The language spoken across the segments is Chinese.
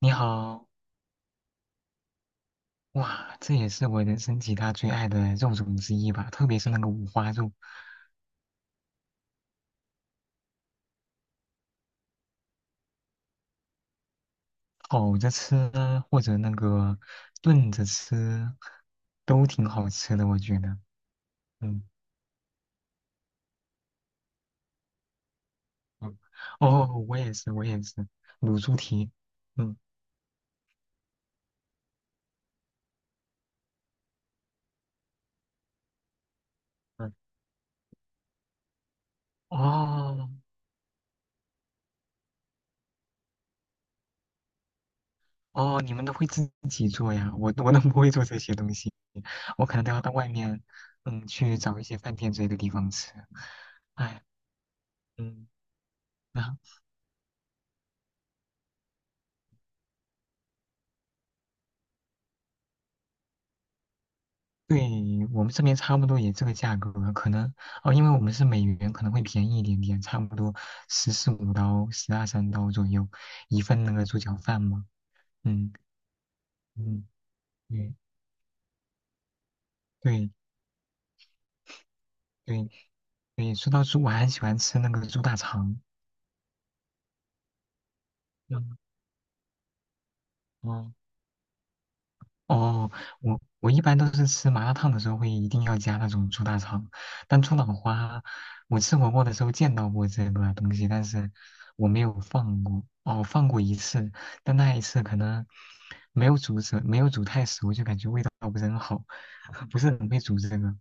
你好，哇，这也是我人生几大最爱的肉种之一吧，特别是那个五花肉，烤着吃啊或者那个炖着吃，都挺好吃的，我觉得。嗯嗯，哦，我也是，我也是，卤猪蹄。嗯嗯，哦哦，你们都会自己做呀？我都不会做这些东西，我可能都要到外面，嗯，去找一些饭店之类的地方吃。哎，嗯。啊对我们这边差不多也这个价格，可能哦，因为我们是美元，可能会便宜一点点，差不多14、15刀、12、13刀左右一份那个猪脚饭嘛。嗯嗯，对对对对，说到猪，我还喜欢吃那个猪大肠。嗯哦哦，我一般都是吃麻辣烫的时候会一定要加那种猪大肠，但猪脑花，我吃火锅的时候见到过这个东西，但是我没有放过。哦，放过一次，但那一次可能没有煮熟，没有煮太熟，就感觉味道不是很好，不是很会煮这个。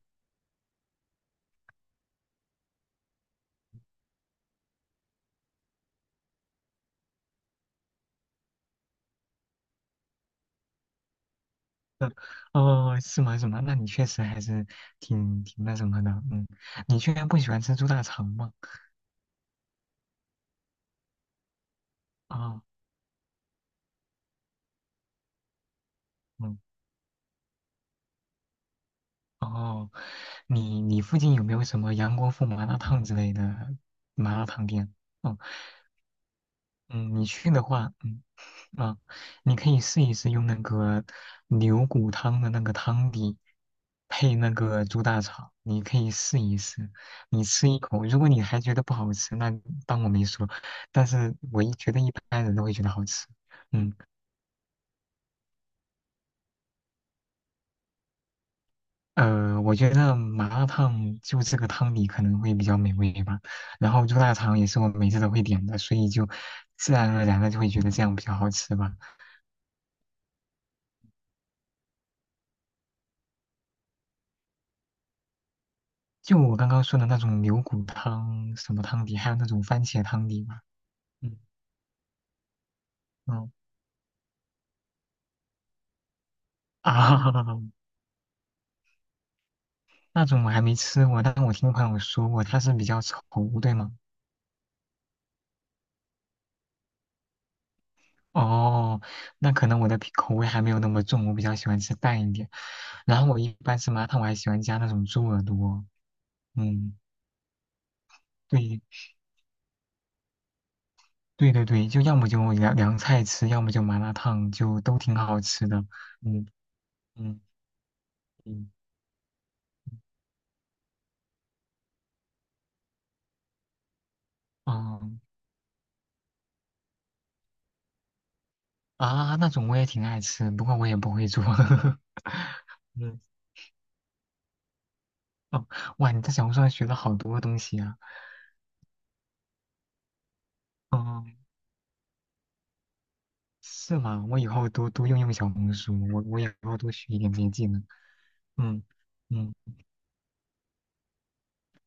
哦，是吗？是吗？那你确实还是挺那什么的，嗯，你居然不喜欢吃猪大肠吗？啊、嗯。哦，你附近有没有什么杨国富麻辣烫之类的麻辣烫店？哦，嗯，你去的话，啊，你可以试一试用那个牛骨汤的那个汤底配那个猪大肠，你可以试一试，你吃一口，如果你还觉得不好吃，那当我没说，但是我觉得一般人都会觉得好吃，嗯。我觉得麻辣烫就这个汤底可能会比较美味吧，然后猪大肠也是我每次都会点的，所以就自然而然的就会觉得这样比较好吃吧。就我刚刚说的那种牛骨汤、什么汤底，还有那种番茄汤底嘛，嗯嗯啊，那种我还没吃过，但我听朋友说过，它是比较稠，对吗？哦，那可能我的口味还没有那么重，我比较喜欢吃淡一点。然后我一般吃麻辣烫，我还喜欢加那种猪耳朵，嗯。对，对对对，就要么就凉菜吃，要么就麻辣烫，就都挺好吃的。嗯嗯嗯嗯啊，那种我也挺爱吃，不过我也不会做。嗯哦，哇，你在小红书上学了好多东西啊。嗯，是吗？我以后多多用用小红书，我以后多学一点这些技能。嗯嗯，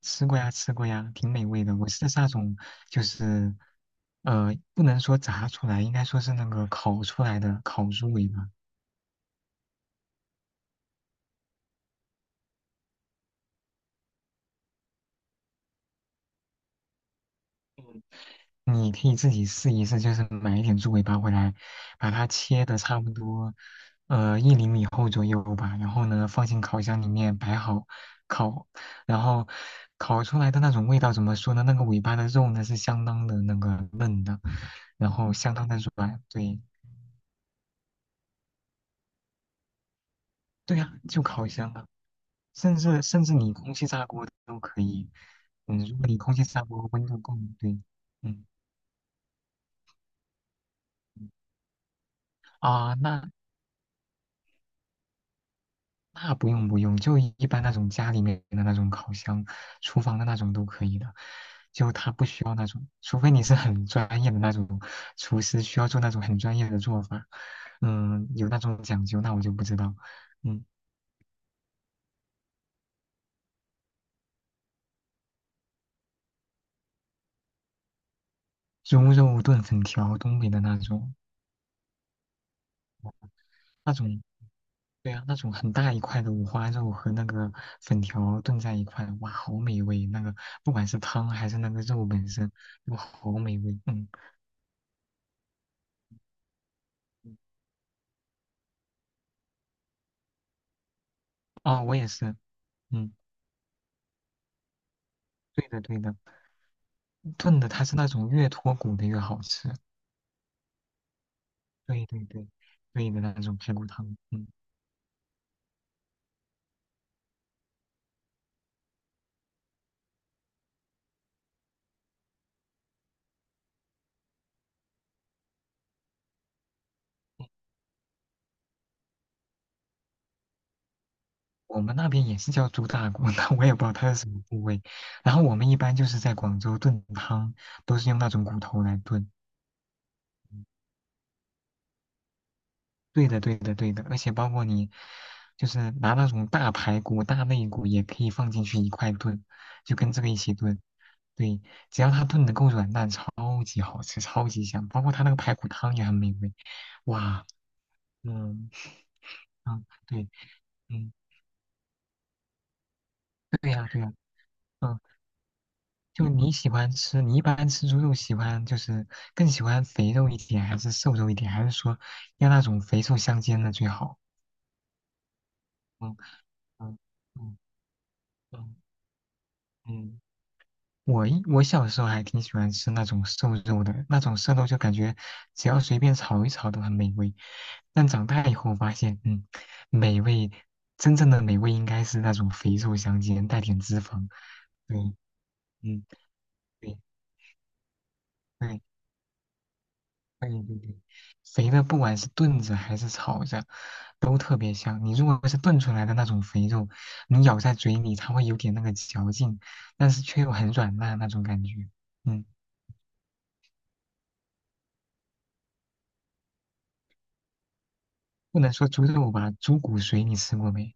吃过呀，吃过呀，挺美味的。我吃的是那种，就是不能说炸出来，应该说是那个烤出来的烤猪尾巴。你可以自己试一试，就是买一点猪尾巴回来，把它切的差不多，1厘米厚左右吧。然后呢，放进烤箱里面摆好烤，然后烤出来的那种味道怎么说呢？那个尾巴的肉呢是相当的那个嫩的，然后相当的软。对，对呀，就烤箱啊，甚至你空气炸锅都可以。嗯，如果你空气炸锅温度够，对，嗯嗯啊，那。那不用不用，就一般那种家里面的那种烤箱、厨房的那种都可以的，就它不需要那种，除非你是很专业的那种厨师，需要做那种很专业的做法，嗯，有那种讲究，那我就不知道，嗯，猪肉炖粉条，东北的那种，那种，对啊，那种很大一块的五花肉和那个粉条炖在一块，哇，好美味，那个不管是汤还是那个肉本身，哇，好美味，嗯，哦，我也是，嗯。对的，对的，炖的它是那种越脱骨的越好吃。对对对，对的那种排骨汤，嗯，我们那边也是叫猪大骨，但我也不知道它是什么部位。然后我们一般就是在广州炖汤，都是用那种骨头来炖。对的，对的，对的，而且包括你就是拿那种大排骨、大肋骨也可以放进去一块炖，就跟这个一起炖。对，只要它炖的够软烂，超级好吃，超级香。包括它那个排骨汤也很美味，哇。嗯，嗯，对，嗯，对呀，对呀，嗯，就你喜欢吃，你一般吃猪肉喜欢就是更喜欢肥肉一点，还是瘦肉一点，还是说要那种肥瘦相间的最好？嗯嗯嗯嗯嗯，我我小时候还挺喜欢吃那种瘦肉的，那种瘦肉就感觉只要随便炒一炒都很美味，但长大以后发现，嗯，美味真正的美味应该是那种肥瘦相间，带点脂肪，对，嗯对。对对对对，肥的不管是炖着还是炒着，都特别香。你如果是炖出来的那种肥肉，你咬在嘴里，它会有点那个嚼劲，但是却又很软烂那种感觉。嗯，不能说猪肉吧，猪骨髓你吃过没？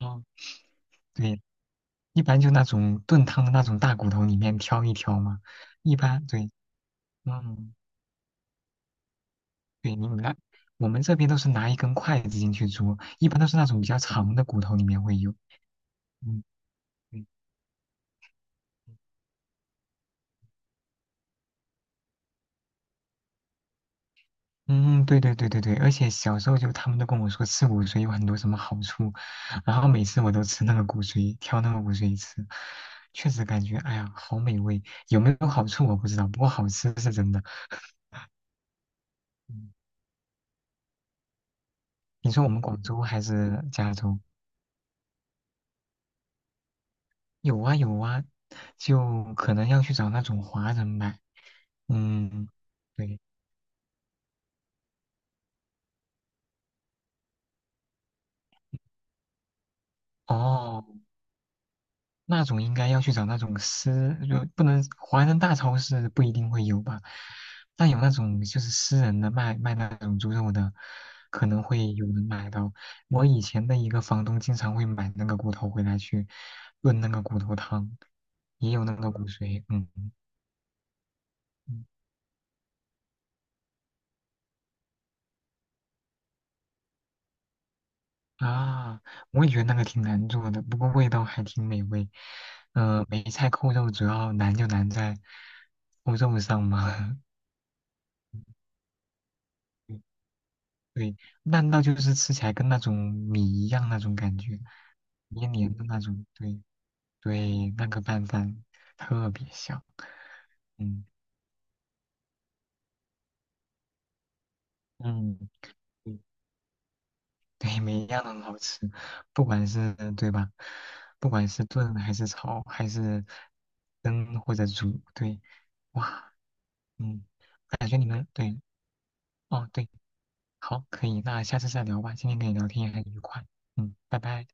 嗯，对，一般就那种炖汤的那种大骨头里面挑一挑嘛。一般对，嗯，对你那我们这边都是拿一根筷子进去煮，一般都是那种比较长的骨头里面会有。嗯，对嗯，对对对对对，而且小时候就他们都跟我说吃骨髓有很多什么好处，然后每次我都吃那个骨髓，挑那个骨髓吃，确实感觉哎呀好美味，有没有好处我不知道，不过好吃是真的。嗯你说我们广州还是加州？有啊有啊，就可能要去找那种华人买。嗯，对，哦。那种应该要去找那种私，就不能华人大超市不一定会有吧，但有那种就是私人的卖那种猪肉的，可能会有人买到。我以前的一个房东经常会买那个骨头回来去炖那个骨头汤，也有那个骨髓，嗯嗯啊，我也觉得那个挺难做的，不过味道还挺美味。嗯、梅菜扣肉主要难就难在扣肉上嘛。对，烂到就是吃起来跟那种米一样那种感觉，黏黏的那种。对对，那个拌饭特别香。嗯嗯，对，对每一样都很好吃，不管是对吧？不管是炖还是炒还是蒸或者煮，对，哇，嗯，感觉你们对哦对，好，可以，那下次再聊吧。今天跟你聊天也很愉快，嗯，拜拜。